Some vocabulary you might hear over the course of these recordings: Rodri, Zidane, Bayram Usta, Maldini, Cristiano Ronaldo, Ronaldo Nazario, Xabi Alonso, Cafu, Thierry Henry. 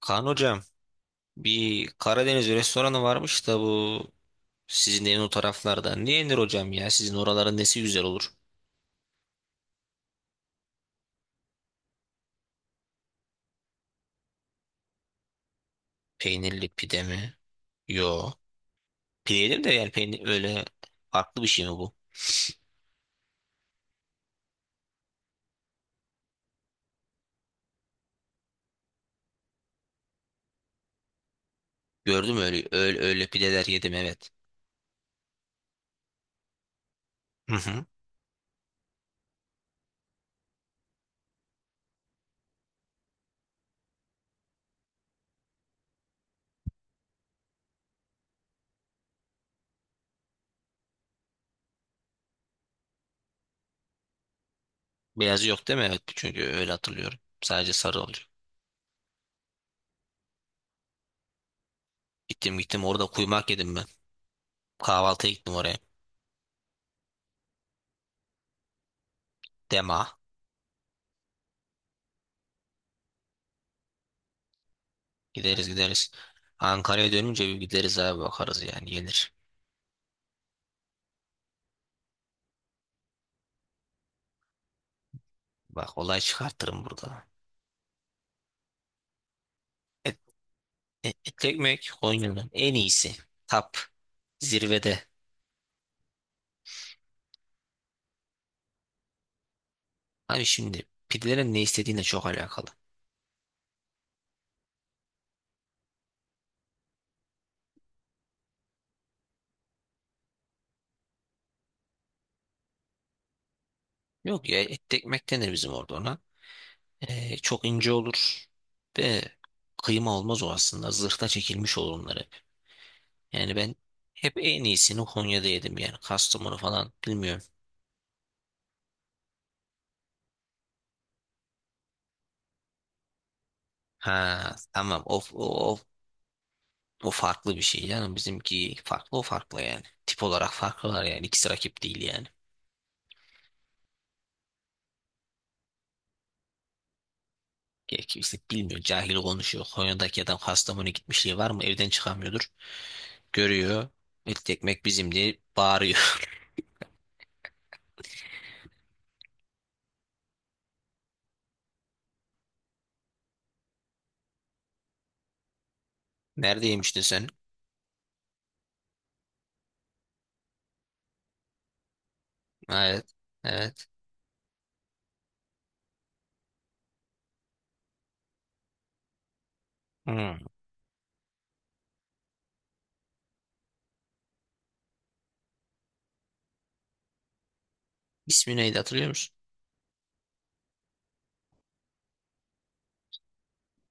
Kaan hocam bir Karadeniz restoranı varmış da bu sizin evin o taraflarda. Niye yenir hocam ya? Sizin oraların nesi güzel olur? Peynirli pide mi? Yo. Pide yedim de yani peynir öyle farklı bir şey mi bu? Gördüm öyle öyle, öyle pideler yedim evet. Hı hı. Beyazı yok değil mi? Evet çünkü öyle hatırlıyorum. Sadece sarı oluyor. Gittim gittim orada kuymak yedim ben. Kahvaltıya gittim oraya. Dema. Gideriz gideriz. Ankara'ya dönünce bir gideriz abi bakarız yani yenir. Bak olay çıkartırım burada. Etli Ekmek Konya'nın en iyisi. Tap. Zirvede. Abi şimdi pidelerin ne istediğine çok alakalı. Yok ya et ekmek denir bizim orada ona. E, çok ince olur. Ve kıyma olmaz o aslında. Zırhta çekilmiş olur onlar hep. Yani ben hep en iyisini Konya'da yedim yani. Kastamonu falan bilmiyorum. Ha tamam o farklı bir şey canım. Bizimki farklı o farklı yani. Tip olarak farklılar yani. İkisi rakip değil yani. Ya kimse bilmiyor. Cahil konuşuyor. Konya'daki adam Kastamonu'ya gitmişliği var mı? Evden çıkamıyordur. Görüyor. İlk ekmek bizim diye bağırıyor. Nerede yemiştin sen? Evet. Evet. Hmm. İsmi neydi hatırlıyor musun?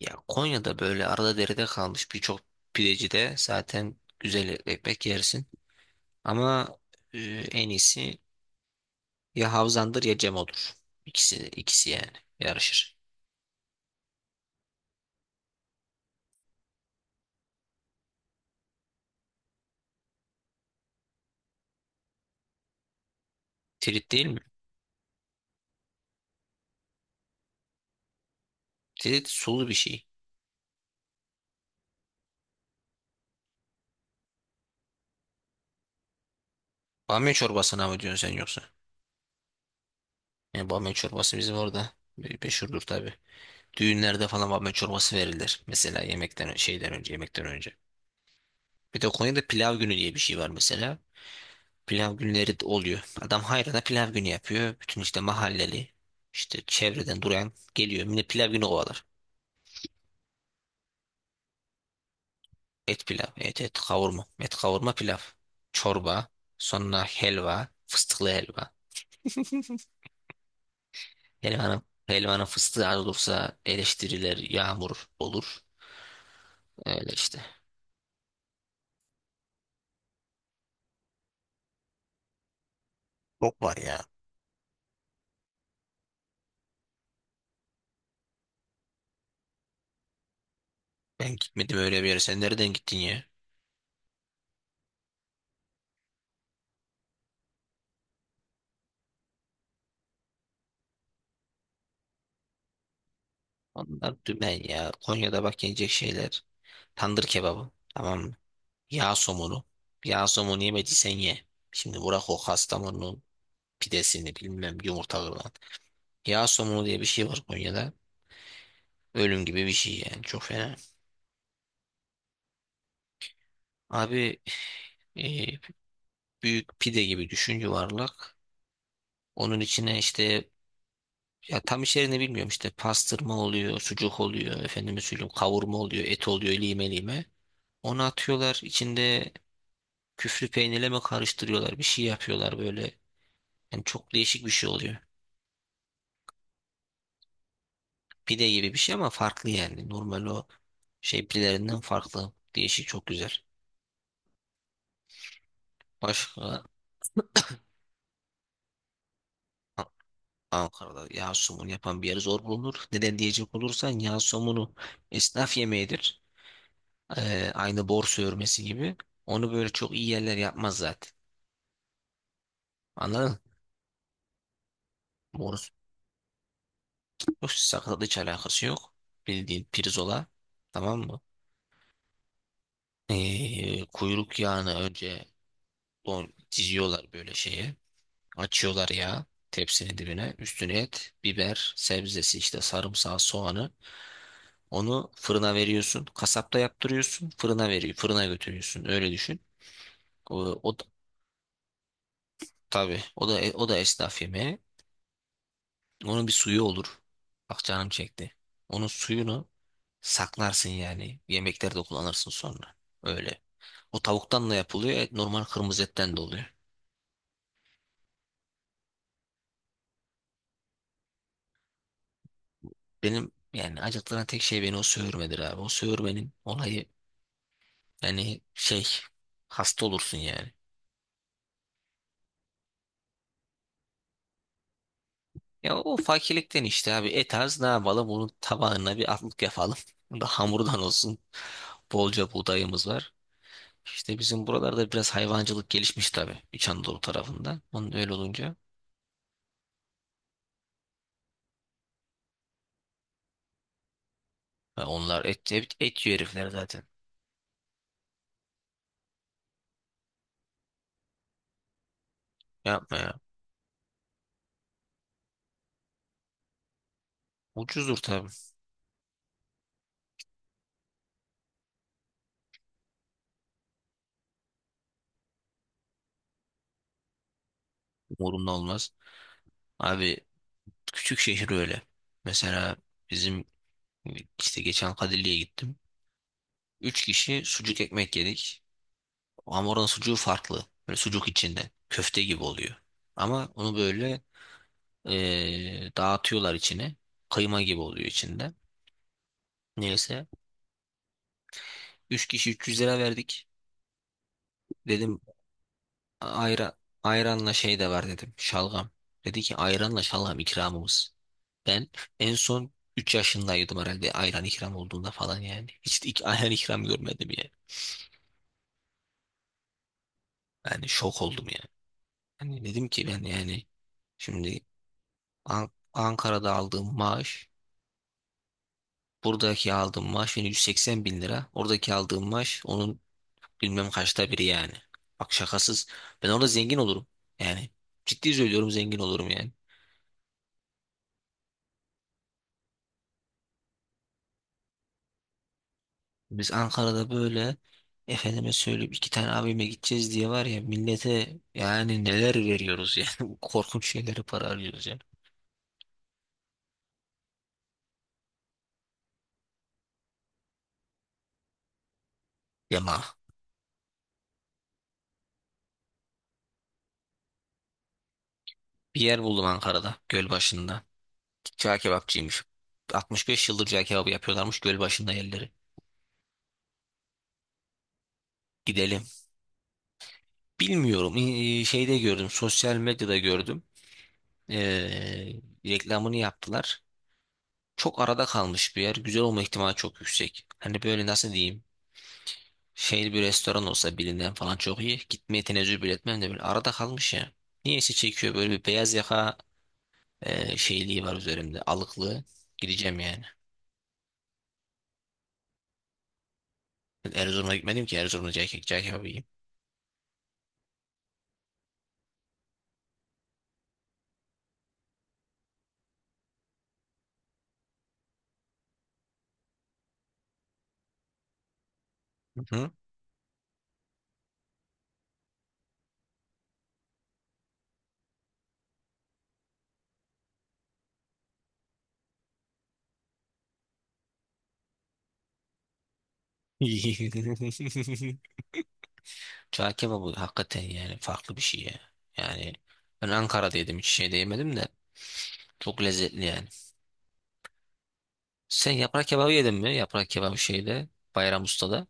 Ya Konya'da böyle arada derede kalmış birçok pidecide zaten güzel etli ekmek yersin. Ama e, en iyisi ya Havzan'dır ya Cemo'dur. İkisi yani yarışır. Tirit değil mi? Tirit sulu bir şey. Bamya çorbasına mı diyorsun sen yoksa? Yani bamya çorbası bizim orada meşhurdur tabii. Düğünlerde falan bamya çorbası verilir. Mesela yemekten şeyden önce, yemekten önce. Bir de Konya'da pilav günü diye bir şey var mesela. Pilav günleri de oluyor. Adam hayrana pilav günü yapıyor. Bütün işte mahalleli, işte çevreden duran geliyor. Yine pilav günü kovalar. Et pilav, et et kavurma. Et kavurma pilav. Çorba, sonra helva, fıstıklı helva. Helvanın fıstığı az olursa eleştiriler yağmur olur. Öyle işte. Çok var ya. Ben gitmedim öyle bir yere. Sen nereden gittin ya? Onlar dümen ya. Konya'da bak yenecek şeyler. Tandır kebabı. Tamam mı? Yağ somunu. Yağ somunu yemediysen ye. Şimdi bırak o Kastamonu pidesini bilmem yumurta kırılan. Yağ somunu diye bir şey var Konya'da. Ölüm gibi bir şey yani. Çok fena. Abi e, büyük pide gibi düşün yuvarlak. Onun içine işte ya tam içeriğini bilmiyorum işte pastırma oluyor, sucuk oluyor, efendime söyleyeyim kavurma oluyor, et oluyor lime lime. Onu atıyorlar içinde küflü peynirle mi karıştırıyorlar bir şey yapıyorlar böyle. Yani çok değişik bir şey oluyor. Pide gibi bir şey ama farklı yani. Normal o şey pidelerinden farklı. Değişik çok güzel. Başka A- Ankara'da yağ somunu yapan bir yer zor bulunur. Neden diyecek olursan yağ somunu esnaf yemeğidir. Aynı borsa örmesi gibi. Onu böyle çok iyi yerler yapmaz zaten. Anladın mı? Borsa sakatlık hiç alakası yok. Bildiğin pirzola. Tamam mı? Kuyruk yağını önce don diziyorlar böyle şeye. Açıyorlar yağı tepsinin dibine. Üstüne et, biber, sebzesi işte sarımsağı, soğanı. Onu fırına veriyorsun. Kasapta yaptırıyorsun. Fırına veriyor. Fırına götürüyorsun. Öyle düşün. O da, tabii o da esnaf yemeği. Onun bir suyu olur. Bak canım çekti. Onun suyunu saklarsın yani. Yemeklerde kullanırsın sonra. Öyle. O tavuktan da yapılıyor. Et normal kırmızı etten de oluyor. Benim yani acıttıran tek şey beni o söğürmedir abi. O söğürmenin olayı yani şey hasta olursun yani. Ya o fakirlikten işte abi et az ne yapalım bunun tabağına bir atlık yapalım. Bu Da hamurdan olsun. Bolca buğdayımız var. İşte bizim buralarda biraz hayvancılık gelişmiş tabii. İç Anadolu tarafında. Onun öyle olunca. Ya onlar et yiyor herifler zaten. Yapma ya. Ucuzdur tabii. Umurumda olmaz. Abi küçük şehir öyle. Mesela bizim işte geçen Kadirli'ye gittim. Üç kişi sucuk ekmek yedik. Ama oranın sucuğu farklı. Böyle sucuk içinde. Köfte gibi oluyor. Ama onu böyle dağıtıyorlar içine. Kıyma gibi oluyor içinde. Neyse. Üç kişi 300 lira verdik. Dedim ayra, ayranla şey de var dedim. Şalgam. Dedi ki ayranla şalgam ikramımız. Ben en son 3 yaşındaydım herhalde ayran ikram olduğunda falan yani. Hiç de ayran ikram görmedim yani. Yani şok oldum yani. Hani dedim ki ben yani şimdi Ankara'da aldığım maaş, buradaki aldığım maaş yani 180 bin lira. Oradaki aldığım maaş onun bilmem kaçta biri yani. Bak şakasız. Ben orada zengin olurum. Yani ciddi söylüyorum zengin olurum yani. Biz Ankara'da böyle efendime söyleyip iki tane abime gideceğiz diye var ya millete yani neler veriyoruz yani. Korkunç şeyleri para harcıyoruz yani. Yama. Bir yer buldum Ankara'da Gölbaşı'nda. Cağ kebapçıymış. 65 yıldır cağ kebabı yapıyorlarmış Gölbaşı'nda yerleri. Gidelim. Bilmiyorum. Şeyde gördüm. Sosyal medyada gördüm. Ee, reklamını yaptılar. Çok arada kalmış bir yer. Güzel olma ihtimali çok yüksek. Hani böyle nasıl diyeyim? Şey bir restoran olsa bilinen falan çok iyi. Gitmeye tenezzül bile etmem de böyle arada kalmış ya. Niyeyse çekiyor böyle bir beyaz yaka şeyliği var üzerimde. Alıklı. Gideceğim yani. Ben Erzurum'a gitmedim ki Erzurum'da cahil kebabı yiyeyim. Hı? Çağ kebabı hakikaten yani farklı bir şey ya. Yani ben Ankara'da yedim hiç şeyde yemedim de çok lezzetli yani. Sen yaprak kebabı yedin mi? Yaprak kebabı şeyde Bayram Usta'da.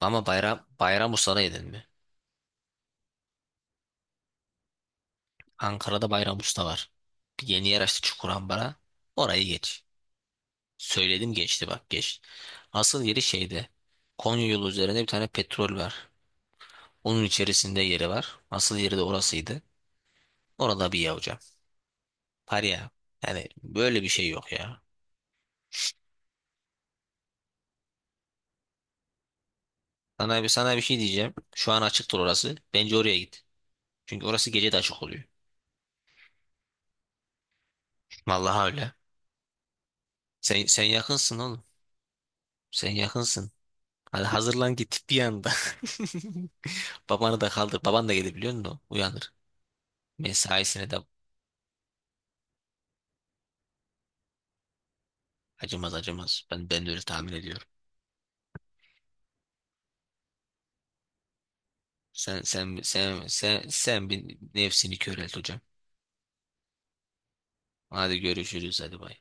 Ama Bayram Usta'da yedin mi? Ankara'da Bayram Usta var. Bir yeni yer açtı Çukurambar'a. Orayı geç. Söyledim geçti bak geç. Asıl yeri şeyde. Konya yolu üzerinde bir tane petrol var. Onun içerisinde yeri var. Asıl yeri de orasıydı. Orada bir ye hocam. Var ya. Yani böyle bir şey yok ya. Sana bir şey diyeceğim. Şu an açıktır orası. Bence oraya git. Çünkü orası gece de açık oluyor. Vallahi öyle. Sen yakınsın oğlum. Sen yakınsın. Hadi hazırlan git bir anda. Babanı da kaldır. Baban da gelir biliyor musun o? Uyanır. Mesaisine de acımaz acımaz. Ben de öyle tahmin ediyorum. Sen bir nefsini körelt hocam. Hadi görüşürüz hadi bay.